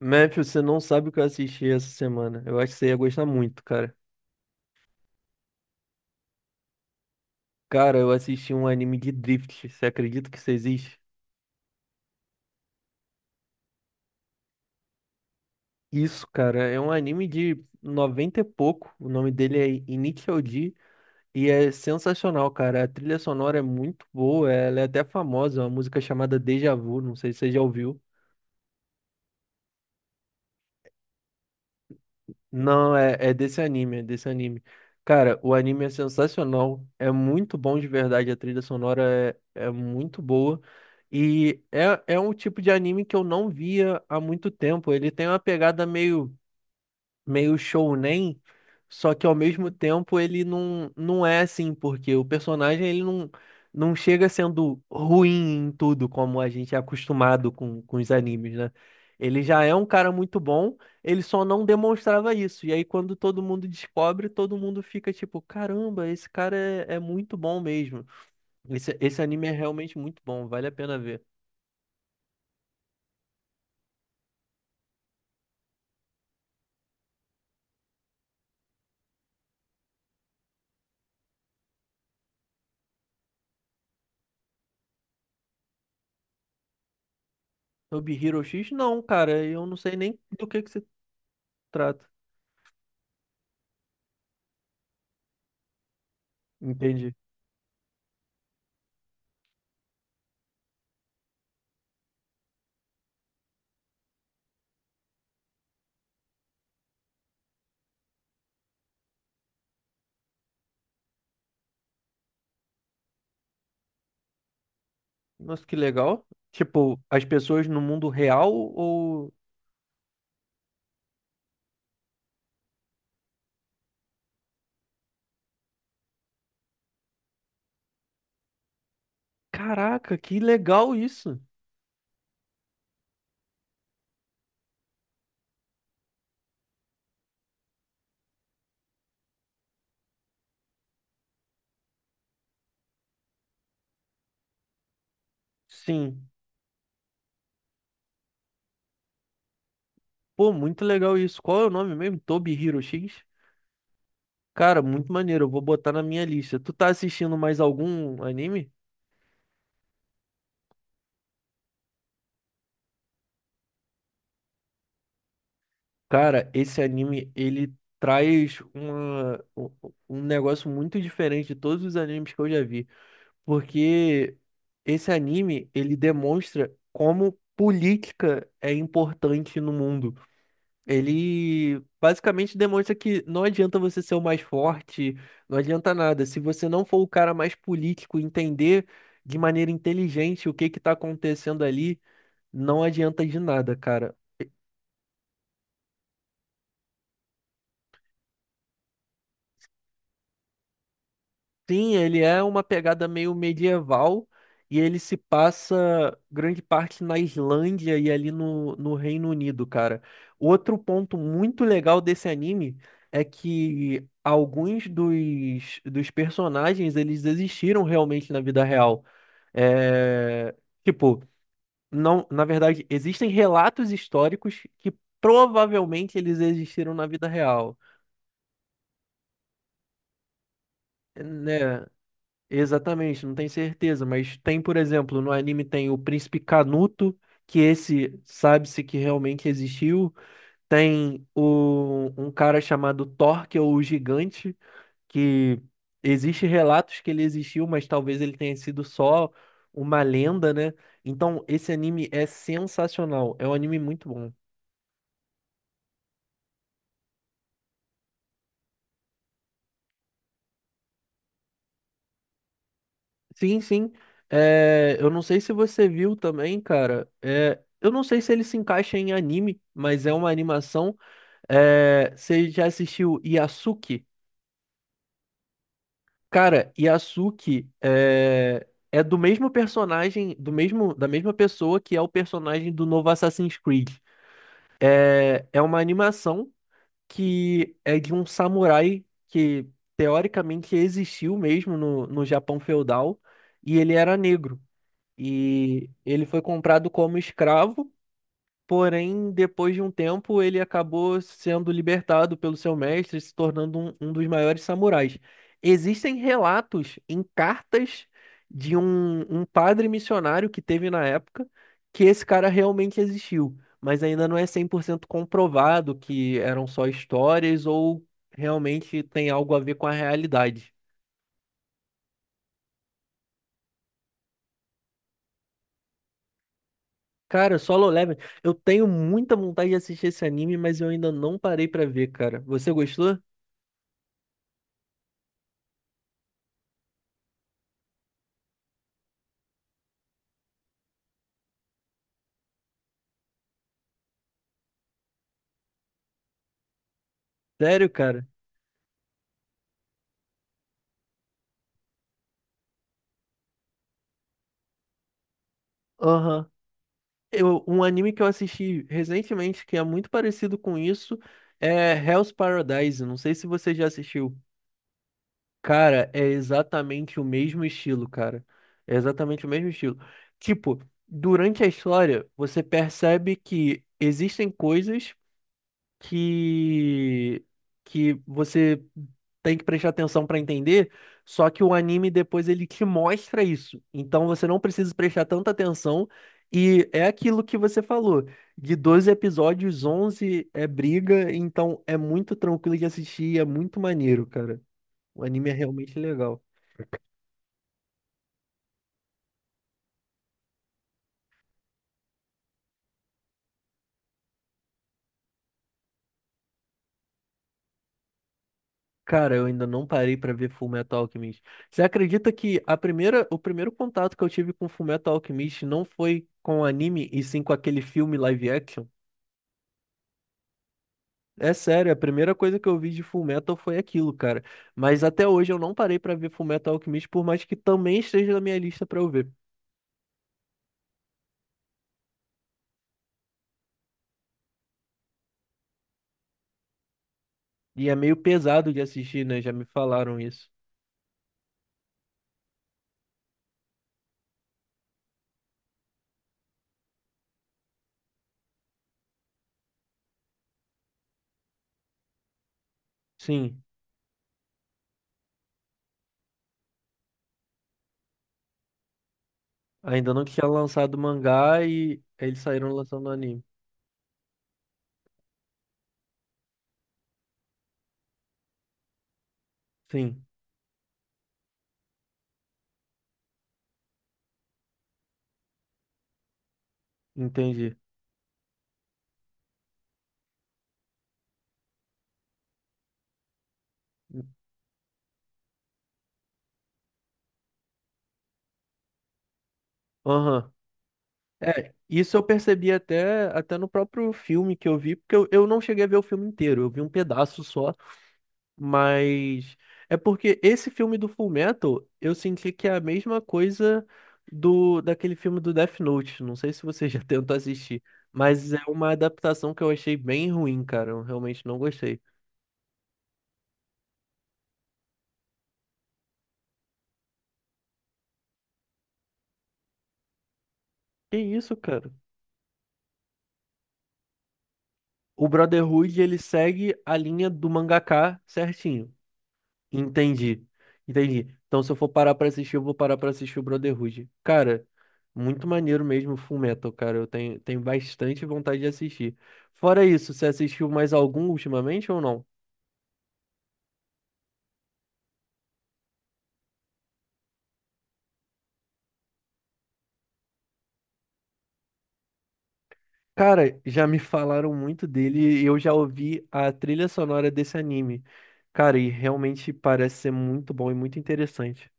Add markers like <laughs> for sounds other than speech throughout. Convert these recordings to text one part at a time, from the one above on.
Memphis, você não sabe o que eu assisti essa semana. Eu acho que você ia gostar muito, cara. Cara, eu assisti um anime de Drift. Você acredita que isso existe? Isso, cara, é um anime de 90 e pouco. O nome dele é Initial D e é sensacional, cara. A trilha sonora é muito boa, ela é até famosa, é uma música chamada Deja Vu, não sei se você já ouviu. Não, é desse anime, é desse anime. Cara, o anime é sensacional, é muito bom de verdade, a trilha sonora é muito boa. E é um tipo de anime que eu não via há muito tempo. Ele tem uma pegada meio shounen, só que ao mesmo tempo ele não é assim, porque o personagem ele não chega sendo ruim em tudo, como a gente é acostumado com os animes, né? Ele já é um cara muito bom, ele só não demonstrava isso. E aí, quando todo mundo descobre, todo mundo fica tipo: caramba, esse cara é muito bom mesmo. Esse anime é realmente muito bom, vale a pena ver. Sobre Hero X, não, cara, eu não sei nem do que se trata. Entendi. Nossa, que legal. Tipo, as pessoas no mundo real ou. Caraca, que legal isso. Sim. Pô, muito legal isso. Qual é o nome mesmo? Toby Hero X? Cara, muito maneiro. Eu vou botar na minha lista. Tu tá assistindo mais algum anime? Cara, esse anime, ele traz uma, um um negócio muito diferente de todos os animes que eu já vi. Porque esse anime, ele demonstra como política é importante no mundo. Ele basicamente demonstra que não adianta você ser o mais forte, não adianta nada. Se você não for o cara mais político, entender de maneira inteligente o que que tá acontecendo ali, não adianta de nada, cara. Sim, ele é uma pegada meio medieval e ele se passa grande parte na Islândia e ali no Reino Unido, cara. Outro ponto muito legal desse anime é que alguns dos personagens eles existiram realmente na vida real. É, tipo, não, na verdade, existem relatos históricos que provavelmente eles existiram na vida real, né? Exatamente, não tem certeza, mas tem, por exemplo, no anime tem o Príncipe Canuto, que esse sabe-se que realmente existiu. Tem um cara chamado Thor, que é o Gigante, que existe relatos que ele existiu, mas talvez ele tenha sido só uma lenda, né? Então, esse anime é sensacional, é um anime muito bom. Sim, sim. É, eu não sei se você viu também, cara. É, eu não sei se ele se encaixa em anime, mas é uma animação. É, você já assistiu Yasuke? Cara, Yasuke é do mesmo personagem, da mesma pessoa que é o personagem do novo Assassin's Creed. É uma animação que é de um samurai que teoricamente existiu mesmo no Japão feudal e ele era negro. E ele foi comprado como escravo. Porém, depois de um tempo, ele acabou sendo libertado pelo seu mestre, se tornando um dos maiores samurais. Existem relatos em cartas de um padre missionário que teve na época que esse cara realmente existiu, mas ainda não é 100% comprovado que eram só histórias ou realmente tem algo a ver com a realidade. Cara, Solo Leveling, eu tenho muita vontade de assistir esse anime, mas eu ainda não parei pra ver, cara. Você gostou? Sério, cara? Aham. Um anime que eu assisti recentemente que é muito parecido com isso é Hell's Paradise. Não sei se você já assistiu. Cara, é exatamente o mesmo estilo, cara. É exatamente o mesmo estilo. Tipo, durante a história, você percebe que existem coisas que que você tem que prestar atenção para entender, só que o anime depois ele te mostra isso. Então você não precisa prestar tanta atenção e é aquilo que você falou, de 12 episódios, 11 é briga, então é muito tranquilo de assistir, é muito maneiro, cara. O anime é realmente legal. Cara, eu ainda não parei pra ver Fullmetal Alchemist. Você acredita que o primeiro contato que eu tive com Fullmetal Alchemist não foi com anime, e sim com aquele filme live action? É sério, a primeira coisa que eu vi de Fullmetal foi aquilo, cara. Mas até hoje eu não parei pra ver Fullmetal Alchemist, por mais que também esteja na minha lista pra eu ver. E é meio pesado de assistir, né? Já me falaram isso. Sim, ainda não tinha lançado o mangá e eles saíram lançando o anime. Sim, entendi. Aham. É, isso eu percebi até no próprio filme que eu vi, porque eu não cheguei a ver o filme inteiro, eu vi um pedaço só, mas é porque esse filme do Fullmetal, eu senti que é a mesma coisa do daquele filme do Death Note, não sei se você já <laughs> tentou assistir, mas é uma adaptação que eu achei bem ruim, cara, eu realmente não gostei. Que isso, cara? O Brotherhood, ele segue a linha do mangaka certinho. Entendi. Entendi. Então, se eu for parar pra assistir, eu vou parar pra assistir o Brotherhood. Cara, muito maneiro mesmo o Fullmetal, cara. Eu tenho bastante vontade de assistir. Fora isso, você assistiu mais algum ultimamente ou não? Cara, já me falaram muito dele e eu já ouvi a trilha sonora desse anime. Cara, e realmente parece ser muito bom e muito interessante.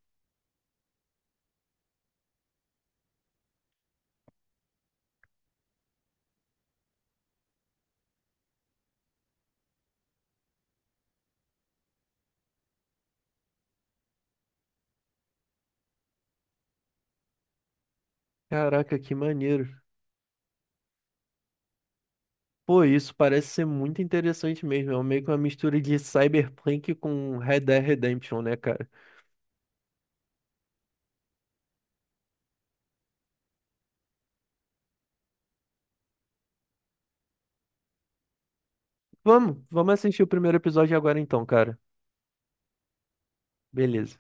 Caraca, que maneiro. Pô, isso parece ser muito interessante mesmo. É meio que uma mistura de Cyberpunk com Red Dead Redemption, né, cara? Vamos, vamos assistir o primeiro episódio agora então, cara. Beleza.